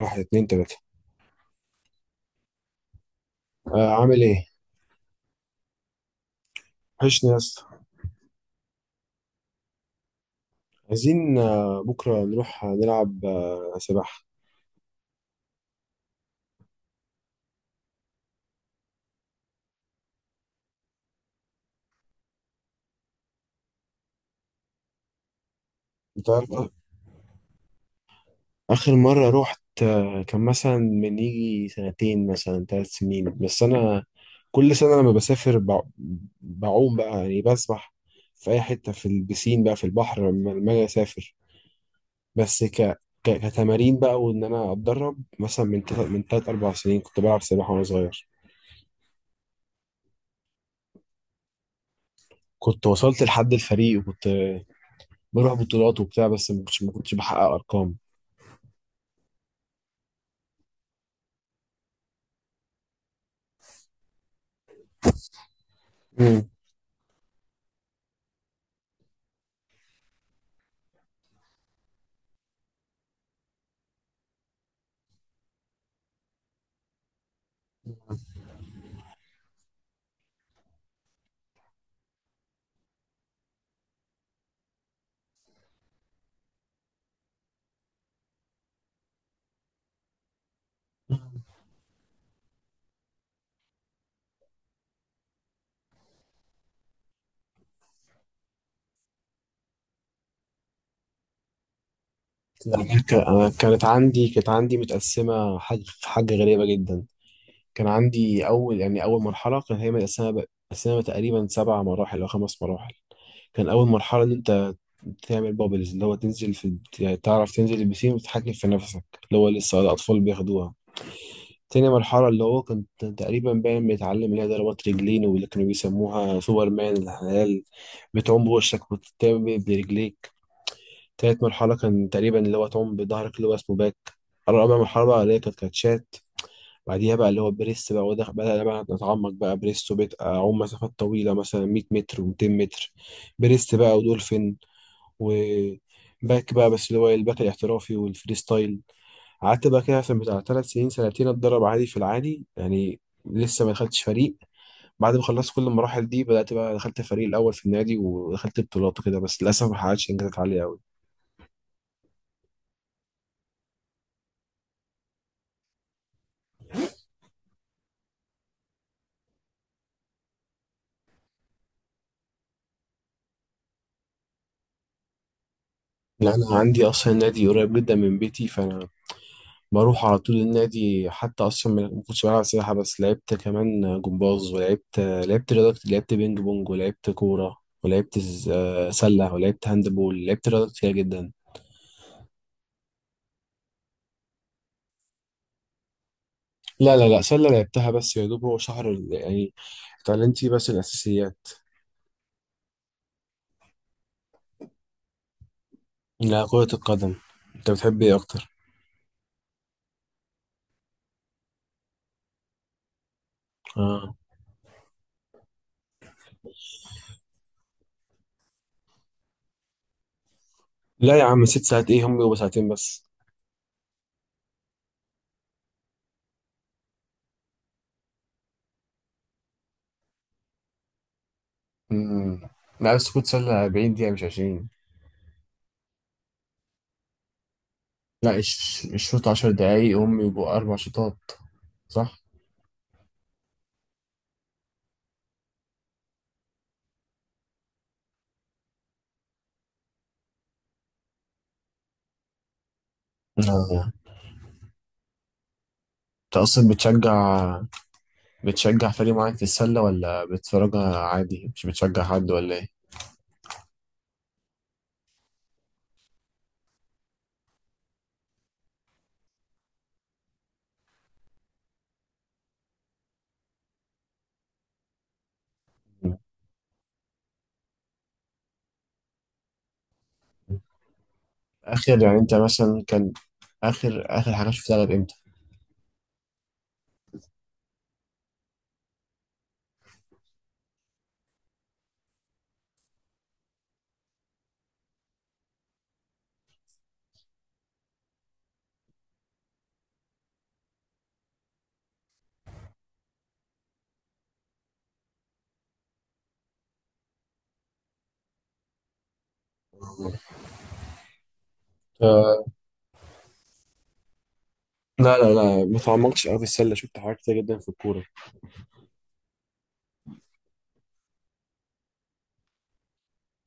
واحد اتنين تلاتة. آه، عامل ايه؟ وحشني يا اسطى. عايزين بكرة نروح، نلعب سباحة. انت عارف. آخر مرة روحت كان مثلا من يجي سنتين، مثلا 3 سنين. بس أنا كل سنة لما بسافر بعوم بقى، يعني بسبح في أي حتة في البسين، بقى في البحر، لما أجي أسافر. بس كتمارين بقى، وإن أنا أتدرب مثلا من تلات أربع سنين. كنت بلعب سباحة وأنا صغير. كنت وصلت لحد الفريق، وكنت بروح بطولات وبتاع، بس ما كنتش بحقق ارقام. امم. أنا كانت عندي متقسمه، حاجه غريبه جدا. كان عندي اول، يعني اول مرحله كان هي متقسمه تقريبا 7 مراحل او 5 مراحل. كان اول مرحله ان انت تعمل بابلز، اللي هو تنزل في، يعني تعرف تنزل البسين وتتحكم في نفسك، اللي هو لسه الاطفال بياخدوها. تاني مرحلة، اللي هو كنت تقريبا باين بيتعلم، اللي هي ضربات رجلين، واللي كانوا بيسموها سوبرمان الحلال. بتعوم بوشك وتتعمل برجليك. تالت مرحلة كان تقريبا اللي هو تعوم بظهرك، اللي هو اسمه باك. رابع مرحلة بقى، اللي هي كانت كاتشات. بعديها بقى اللي هو بريس بقى. وده بدأ بقى نتعمق بقى بريس، وبقيت أعوم مسافات طويلة مثلا 100 متر و200 متر بريس بقى، ودولفين، وباك بقى، بس اللي هو الباك الاحترافي والفريستايل. قعدت بقى كده مثلا بتاع 3 سنين، سنتين أتدرب عادي في العادي، يعني لسه ما دخلتش فريق. بعد ما خلصت كل المراحل دي بدأت بقى دخلت الفريق الأول في النادي، ودخلت بطولات وكده. بس للأسف ما حققتش إنجازات عالية أوي. لا، انا عندي اصلا نادي قريب جدا من بيتي. فانا بروح على طول النادي. حتى اصلا ما كنتش بلعب سباحه، بس لعبت كمان جمباز، ولعبت رياضه كتير، لعبت بينج بونج، ولعبت كوره، ولعبت سله، ولعبت هاند بول، لعبت رياضه كتير جدا. لا لا لا، سله لعبتها بس يا دوب هو يعني اتعلمت فيه بس الاساسيات. لا، كره القدم. انت بتحب ايه اكتر؟ اه. لا يا عم، 6 ساعات ايه؟ هم بيبقوا 2 ساعات بس. امم. لا بس كنت سله 40 دقيقه مش 20. لا، مش شوط 10 دقايق، هم يبقوا 4 شوطات، صح؟ آه. انت اصلا بتشجع فريق معين في السلة؟ ولا بتتفرجها عادي، مش بتشجع حد ولا ايه؟ مم. اخر، يعني انت مثلا كان، اخر حاجة شفتها لعب امتى؟ آه. لا لا لا، ما تعمقتش قوي في السله، شفت حاجات كتير جدا في الكوره.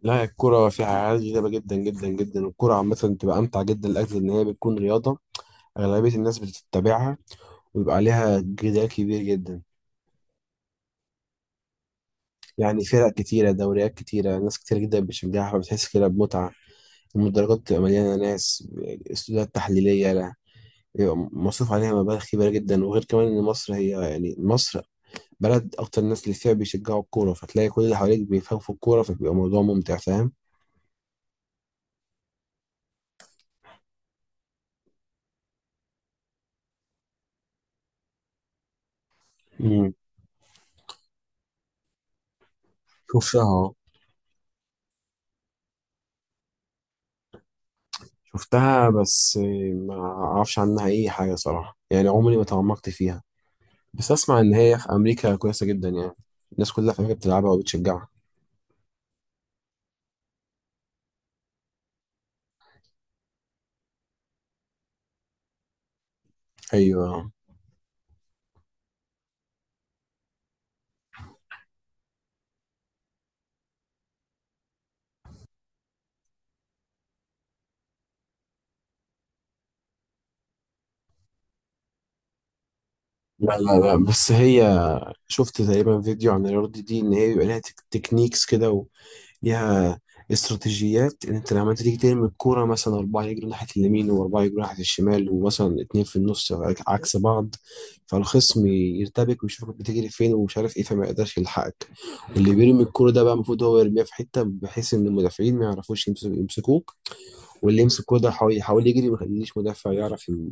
لا، الكوره فيها عادي جذابه جدا جدا جدا، والكوره عامه بتبقى امتع جدا لاجل ان هي بتكون رياضه اغلبيه الناس بتتبعها، ويبقى عليها جدال كبير جدا. يعني فرق كتيرة، دوريات كتيرة، ناس كتير جدا بتشجعها، فبتحس كده بمتعة. المدرجات بتبقى مليانة ناس، استوديوهات تحليلية. لا، بيبقى مصروف عليها مبالغ كبيرة جدا، وغير كمان إن مصر هي، يعني مصر بلد أكتر الناس اللي فيها بيشجعوا الكورة، فتلاقي كل اللي حواليك بيفهموا في الكورة، فبيبقى موضوع ممتع. فاهم؟ مم. شفتها آه. شفتها بس، ما أعرفش عنها أي حاجة صراحة، يعني عمري ما تعمقت فيها. بس أسمع إن هي في أمريكا كويسة جدا يعني. الناس كلها في أمريكا بتلعبها وبتشجعها. أيوه. لا لا لا، بس هي شفت تقريبا فيديو عن الرياضة دي، ان هي بيبقى لها تكنيكس كده، وليها استراتيجيات، ان انت لما انت تيجي ترمي الكورة مثلا، 4 يجروا ناحية اليمين، وأربعة يجروا ناحية الشمال، ومثلا 2 في النص عكس بعض. فالخصم يرتبك، ويشوفك بتجري فين ومش عارف ايه، فما يقدرش يلحقك. واللي بيرمي الكورة ده بقى المفروض هو يرميها في حتة بحيث ان المدافعين ما يعرفوش يمسكوه. واللي يمسك كورة يحاول يجري ما يخليش مدافع يعرف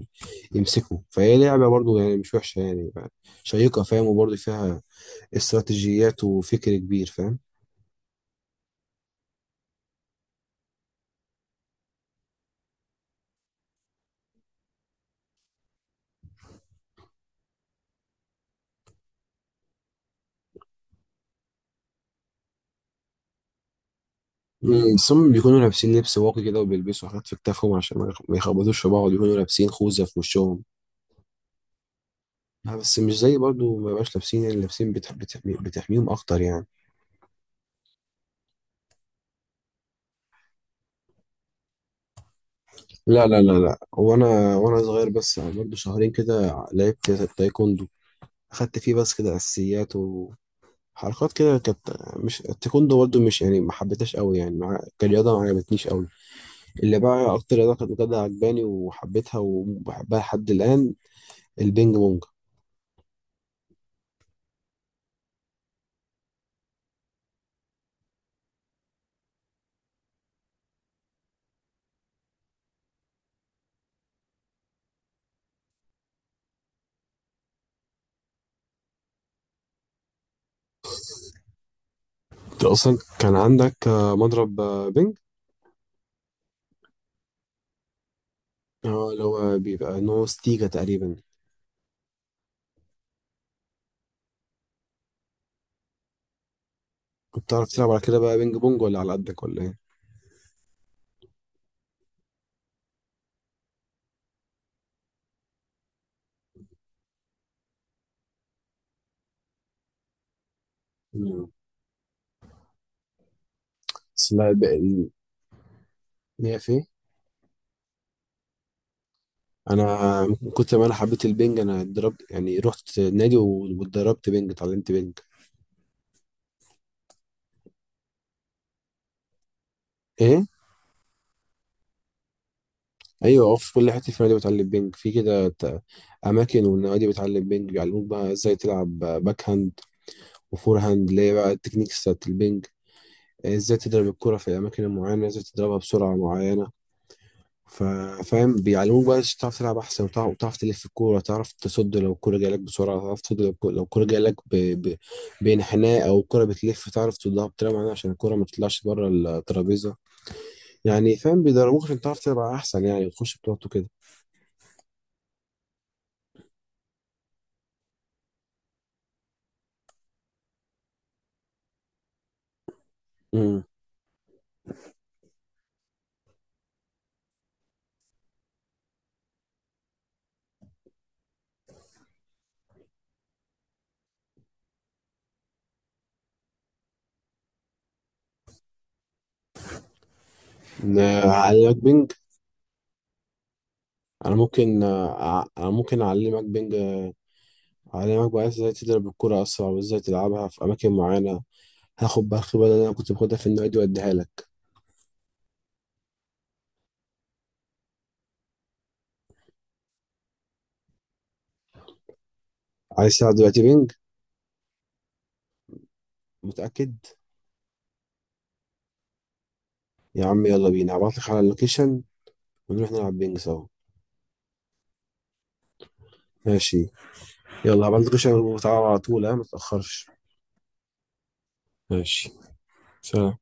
يمسكه. فهي لعبة برضه، يعني مش وحشة، يعني شيقة. فاهم؟ وبرضه فيها استراتيجيات وفكر كبير، فاهم؟ ثم بيكونوا لابسين لبس واقي كده، وبيلبسوا حاجات في كتافهم عشان ما يخبطوش في بعض. بيكونوا لابسين خوذة في وشهم. بس مش زي برضه. ما بقاش لابسين، يعني لابسين بتحميهم أكتر يعني. لا لا لا لا، وأنا صغير بس برضه 2 شهور كده لعبت تايكوندو. أخدت فيه بس كده أساسيات و... حركات كده كانت. مش التايكوندو برضه، مش يعني ما حبيتهاش قوي يعني، مع... كرياضة ما عجبتنيش قوي. اللي بقى أكتر رياضة كانت بجد عجباني وحبيتها وبحبها لحد الآن، البينج بونج. أنت أصلا كان عندك مضرب بينج؟ اه، اللي هو بيبقى نو ستيجا تقريبا. كنت بتعرف تلعب على كده بقى بينج بونج؟ ولا على قدك ولا إيه؟ مم. بس لا ليا في إيه؟ أنا من كتر ما أنا حبيت البينج، أنا اتدربت يعني، رحت نادي واتدربت بينج، اتعلمت بينج. إيه؟ ايوه اه، في كل حته في النادي بتعلم بينج، في كده اماكن، والنوادي بتعلم بينج، بيعلموك بقى ازاي تلعب باك هاند وفور هاند، اللي هي بقى التكنيكس بتاعت البينج، ازاي تضرب الكره في الاماكن المعينه، ازاي تضربها بسرعه معينه. ف- فاهم؟ بيعلموك بقى ازاي تعرف تلعب احسن، وتعرف تلف الكوره، تعرف تصد لو الكوره جايه لك بسرعه، تعرف تصد لو الكوره جايه لك ب... بانحناء، او الكوره بتلف تعرف تصدها بطريقه معينه عشان الكوره ما تطلعش بره الترابيزه، يعني. فاهم؟ بيدربوك عشان تعرف تلعب احسن يعني، وتخش بطولات وكده. امم. أعلمك بينج. أنا ممكن أعلمك بينج، أعلمك بقى إزاي تضرب الكرة أسرع، وإزاي تلعبها في أماكن معينة. هاخد بقى الخبرة اللي أنا كنت باخدها في النادي وأديها لك. عايز تلعب دلوقتي بينج؟ متأكد؟ يا عم يلا بينا، هبعتلك على اللوكيشن، ونروح نلعب بينج سوا. ماشي. يلا هبعتلك اللوكيشن وتعالى على طول، ها متأخرش. ماشي. سلام.